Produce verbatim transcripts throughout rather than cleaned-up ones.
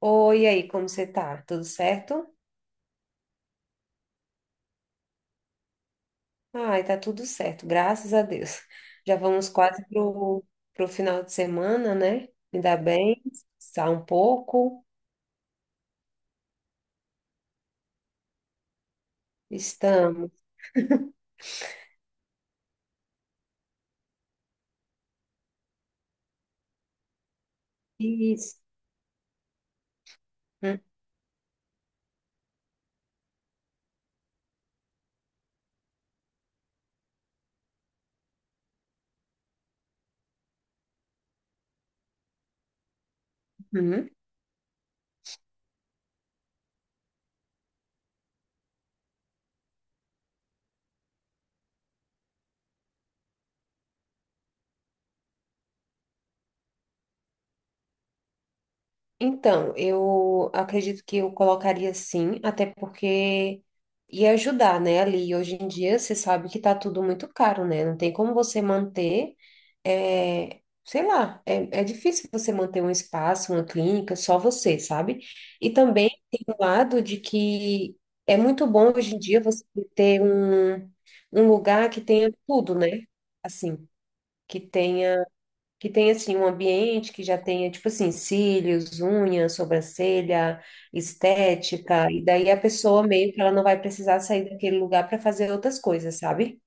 Oi, e aí, como você tá? Tudo certo? Ai, tá tudo certo, graças a Deus. Já vamos quase pro, pro final de semana, né? Ainda bem, descansar um pouco. Estamos. Isso. Uhum. Então, eu acredito que eu colocaria sim, até porque ia ajudar, né? Ali, hoje em dia, você sabe que tá tudo muito caro, né? Não tem como você manter. É, sei lá, é, é difícil você manter um espaço, uma clínica, só você, sabe? E também tem o lado de que é muito bom hoje em dia você ter um, um lugar que tenha tudo, né? Assim, que tenha, que tenha assim, um ambiente que já tenha, tipo assim, cílios, unha, sobrancelha, estética, e daí a pessoa meio que ela não vai precisar sair daquele lugar para fazer outras coisas, sabe?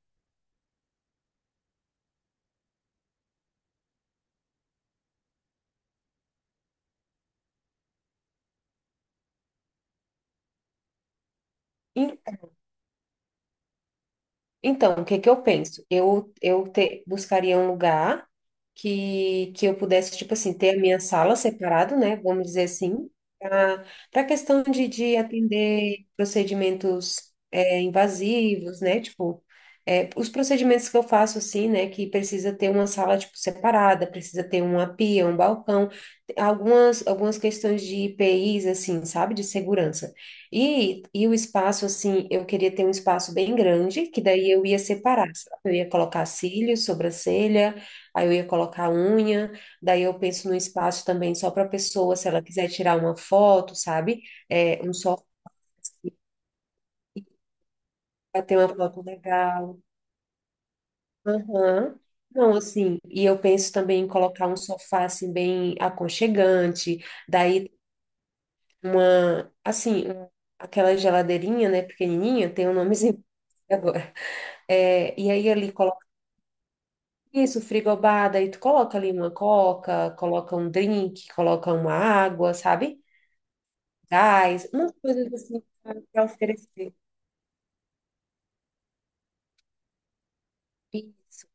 Então, o que que eu penso? Eu, eu te- buscaria um lugar que, que eu pudesse, tipo assim, ter a minha sala separado, né? Vamos dizer assim, para a questão de, de atender procedimentos é, invasivos, né? Tipo, é, os procedimentos que eu faço, assim, né? Que precisa ter uma sala, tipo, separada, precisa ter uma pia, um balcão, algumas, algumas questões de I P Is, assim, sabe? De segurança. E, e o espaço, assim, eu queria ter um espaço bem grande, que daí eu ia separar, sabe? Eu ia colocar cílios, sobrancelha, aí eu ia colocar unha, daí eu penso num espaço também só para a pessoa, se ela quiser tirar uma foto, sabe? É, um só para ter uma foto legal. Aham. Não, assim, e eu penso também em colocar um sofá, assim, bem aconchegante, daí uma, assim, um- aquela geladeirinha, né, pequenininha, tem um nomezinho agora. É, e aí ali coloca isso, frigobar, daí tu coloca ali uma coca, coloca um drink, coloca uma água, sabe? Gás, umas coisas assim para oferecer. Isso.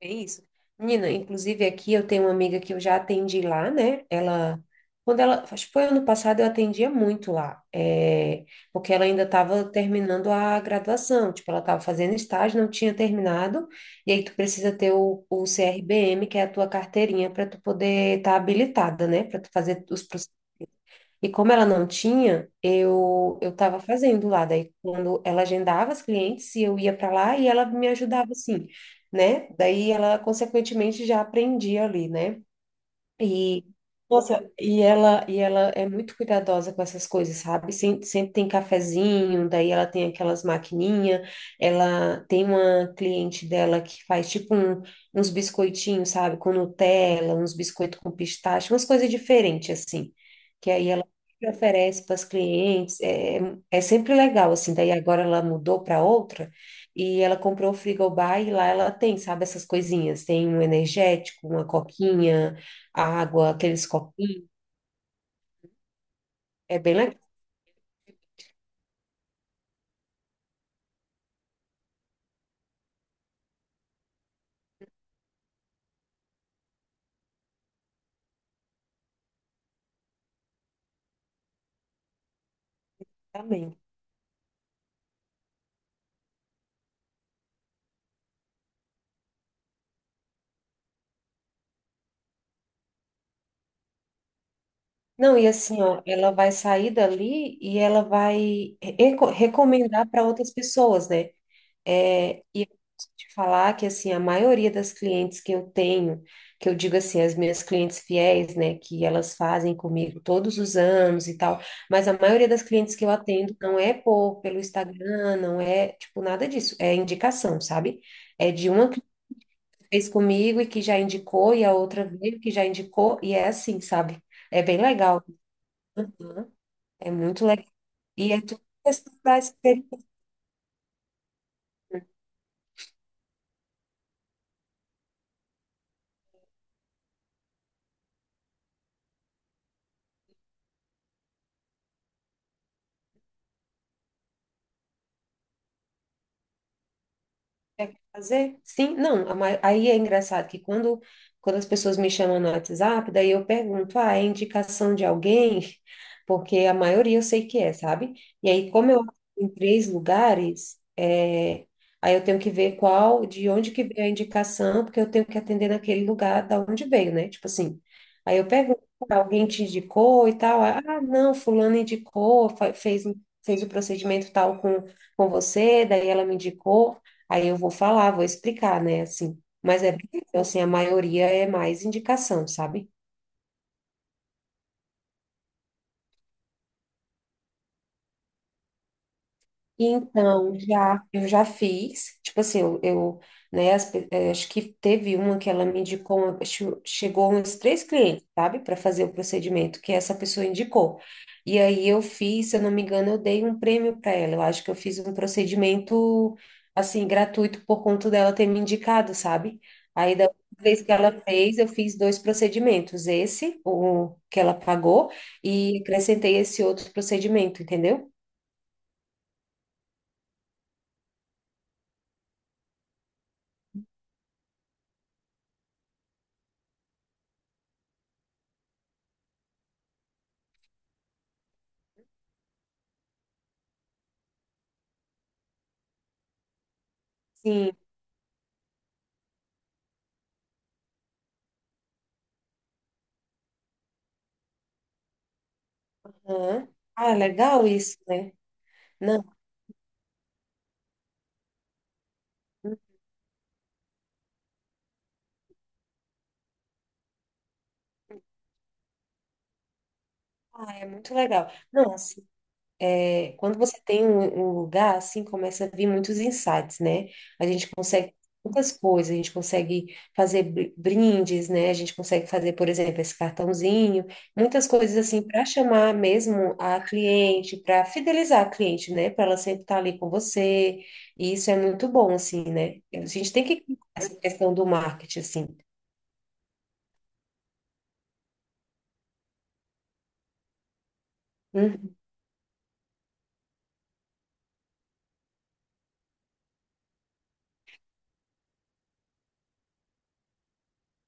É isso. Menina, inclusive aqui eu tenho uma amiga que eu já atendi lá, né? Ela, quando ela, acho que foi ano passado, eu atendia muito lá, é, porque ela ainda estava terminando a graduação, tipo, ela estava fazendo estágio, não tinha terminado, e aí tu precisa ter o, o C R B M, que é a tua carteirinha, para tu poder estar habilitada, né? Para tu fazer os processos. E como ela não tinha, eu eu estava fazendo lá. Daí quando ela agendava as clientes, e eu ia para lá e ela me ajudava assim, né? Daí ela consequentemente já aprendia ali, né? E, nossa, e ela, e ela é muito cuidadosa com essas coisas, sabe? Sempre, sempre tem cafezinho, daí ela tem aquelas maquininhas, ela tem uma cliente dela que faz tipo um- uns biscoitinhos, sabe? Com Nutella, uns biscoitos com pistache, umas coisas diferentes, assim. Que aí ela sempre oferece para as clientes, é, é sempre legal, assim. Daí agora ela mudou para outra e ela comprou o frigobar e lá ela tem, sabe? Essas coisinhas, tem um energético, uma coquinha, a água, aqueles copinhos, é bem legal também. Não, e assim, ó, ela vai sair dali e ela vai reco- recomendar para outras pessoas, né? É, e eu posso te falar que, assim, a maioria das clientes que eu tenho, que eu digo assim, as minhas clientes fiéis, né, que elas fazem comigo todos os anos e tal, mas a maioria das clientes que eu atendo não é por, pelo Instagram, não é, tipo, nada disso, é indicação, sabe? É de uma fez comigo e que já indicou, e a outra veio que já indicou, e é assim, sabe? É bem legal, né? É muito legal. E é tudo questão da experiência. Quer fazer? Sim, não, a ma- aí é engraçado que quando, quando, as pessoas me chamam no WhatsApp, daí eu pergunto, ah, é indicação de alguém? Porque a maioria eu sei que é, sabe? E aí, como eu atuo em três lugares, é, aí eu tenho que ver qual, de onde que veio a indicação, porque eu tenho que atender naquele lugar da onde veio, né? Tipo assim, aí eu pergunto, "Ah, alguém te indicou e tal? Ah, ah, não, fulano indicou, fa- fez, fez o procedimento tal com, com você, daí ela me indicou, aí eu vou falar, vou explicar, né? Assim, mas é, bem isso, assim, a maioria é mais indicação, sabe? Então, já, eu já fiz, tipo assim, eu, eu, né, as pe- eh, acho que teve uma que ela me indicou, acho- chegou uns três clientes, sabe, para fazer o procedimento que essa pessoa indicou. E aí eu fiz, se eu não me engano, eu dei um prêmio para ela. Eu acho que eu fiz um procedimento, assim, gratuito por conta dela ter me indicado, sabe? Aí da última vez que ela fez, eu fiz dois procedimentos, esse, o que ela pagou, e acrescentei esse outro procedimento, entendeu? Sim. Aham. Ah, legal isso, né? Não, ah, é muito legal. Não, assim, é, quando você tem um, um lugar, assim, começa a vir muitos insights, né? A gente consegue muitas coisas, a gente consegue fazer br- brindes, né? A gente consegue fazer, por exemplo, esse cartãozinho, muitas coisas assim para chamar mesmo a cliente, para fidelizar a cliente, né? Para ela sempre estar ali com você. E isso é muito bom, assim, né? A gente tem que essa questão do marketing, assim. Uhum.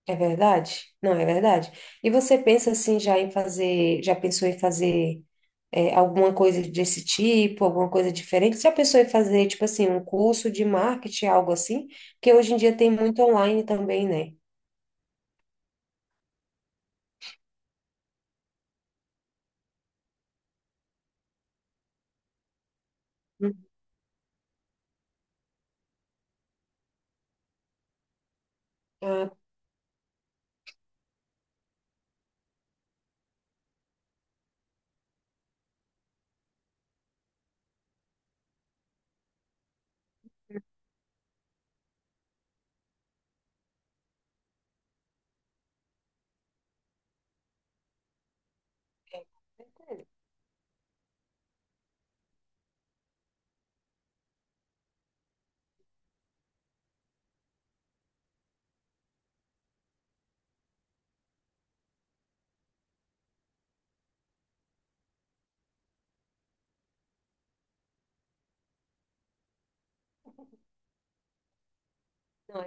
É verdade? Não, é verdade. E você pensa assim já em fazer, já pensou em fazer é, alguma coisa desse tipo, alguma coisa diferente? Você já pensou em fazer, tipo assim, um curso de marketing, algo assim? Porque hoje em dia tem muito online também, né? Hum. Ah, não,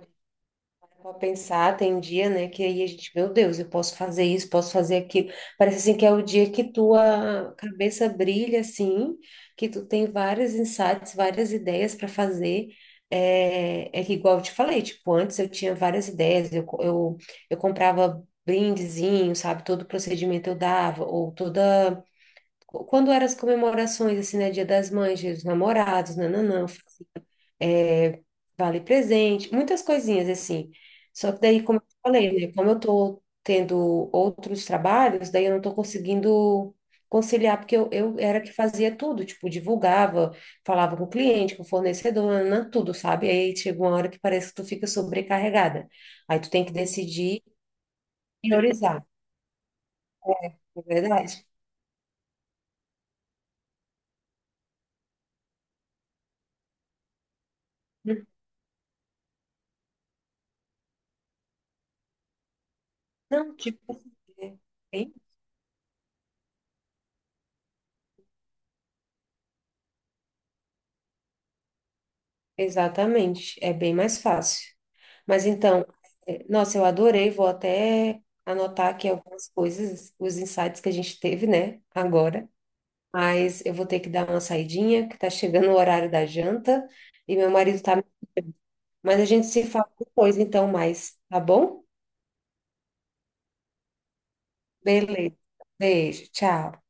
vou pensar, tem um dia, né, que aí a gente, meu Deus, eu posso fazer isso, posso fazer aquilo. Parece assim que é o dia que tua cabeça brilha, assim, que tu tem vários insights, várias ideias para fazer. É, é que igual eu te falei, tipo, antes eu tinha várias ideias, eu, co- eu, eu comprava brindezinho, sabe, todo procedimento eu dava, ou toda. Quando eram as comemorações, assim, né, Dia das Mães, Dia dos Namorados, nananã, é, vale presente, muitas coisinhas assim. Só que daí, como eu falei, né, como eu tô tendo outros trabalhos, daí eu não tô conseguindo conciliar, porque eu, eu era que fazia tudo, tipo, divulgava, falava com o cliente, com o fornecedor, nananã, tudo, sabe? Aí chega uma hora que parece que tu fica sobrecarregada. Aí tu tem que decidir e priorizar, não é verdade? Não, tipo, é bem- exatamente, é bem mais fácil. Mas então, é, nossa, eu adorei, vou até anotar aqui algumas coisas, os insights que a gente teve, né, agora. Mas eu vou ter que dar uma saidinha, que tá chegando o horário da janta, e meu marido tá. Mas a gente se fala depois, então, mais, tá bom? Beleza. Beijo, tchau.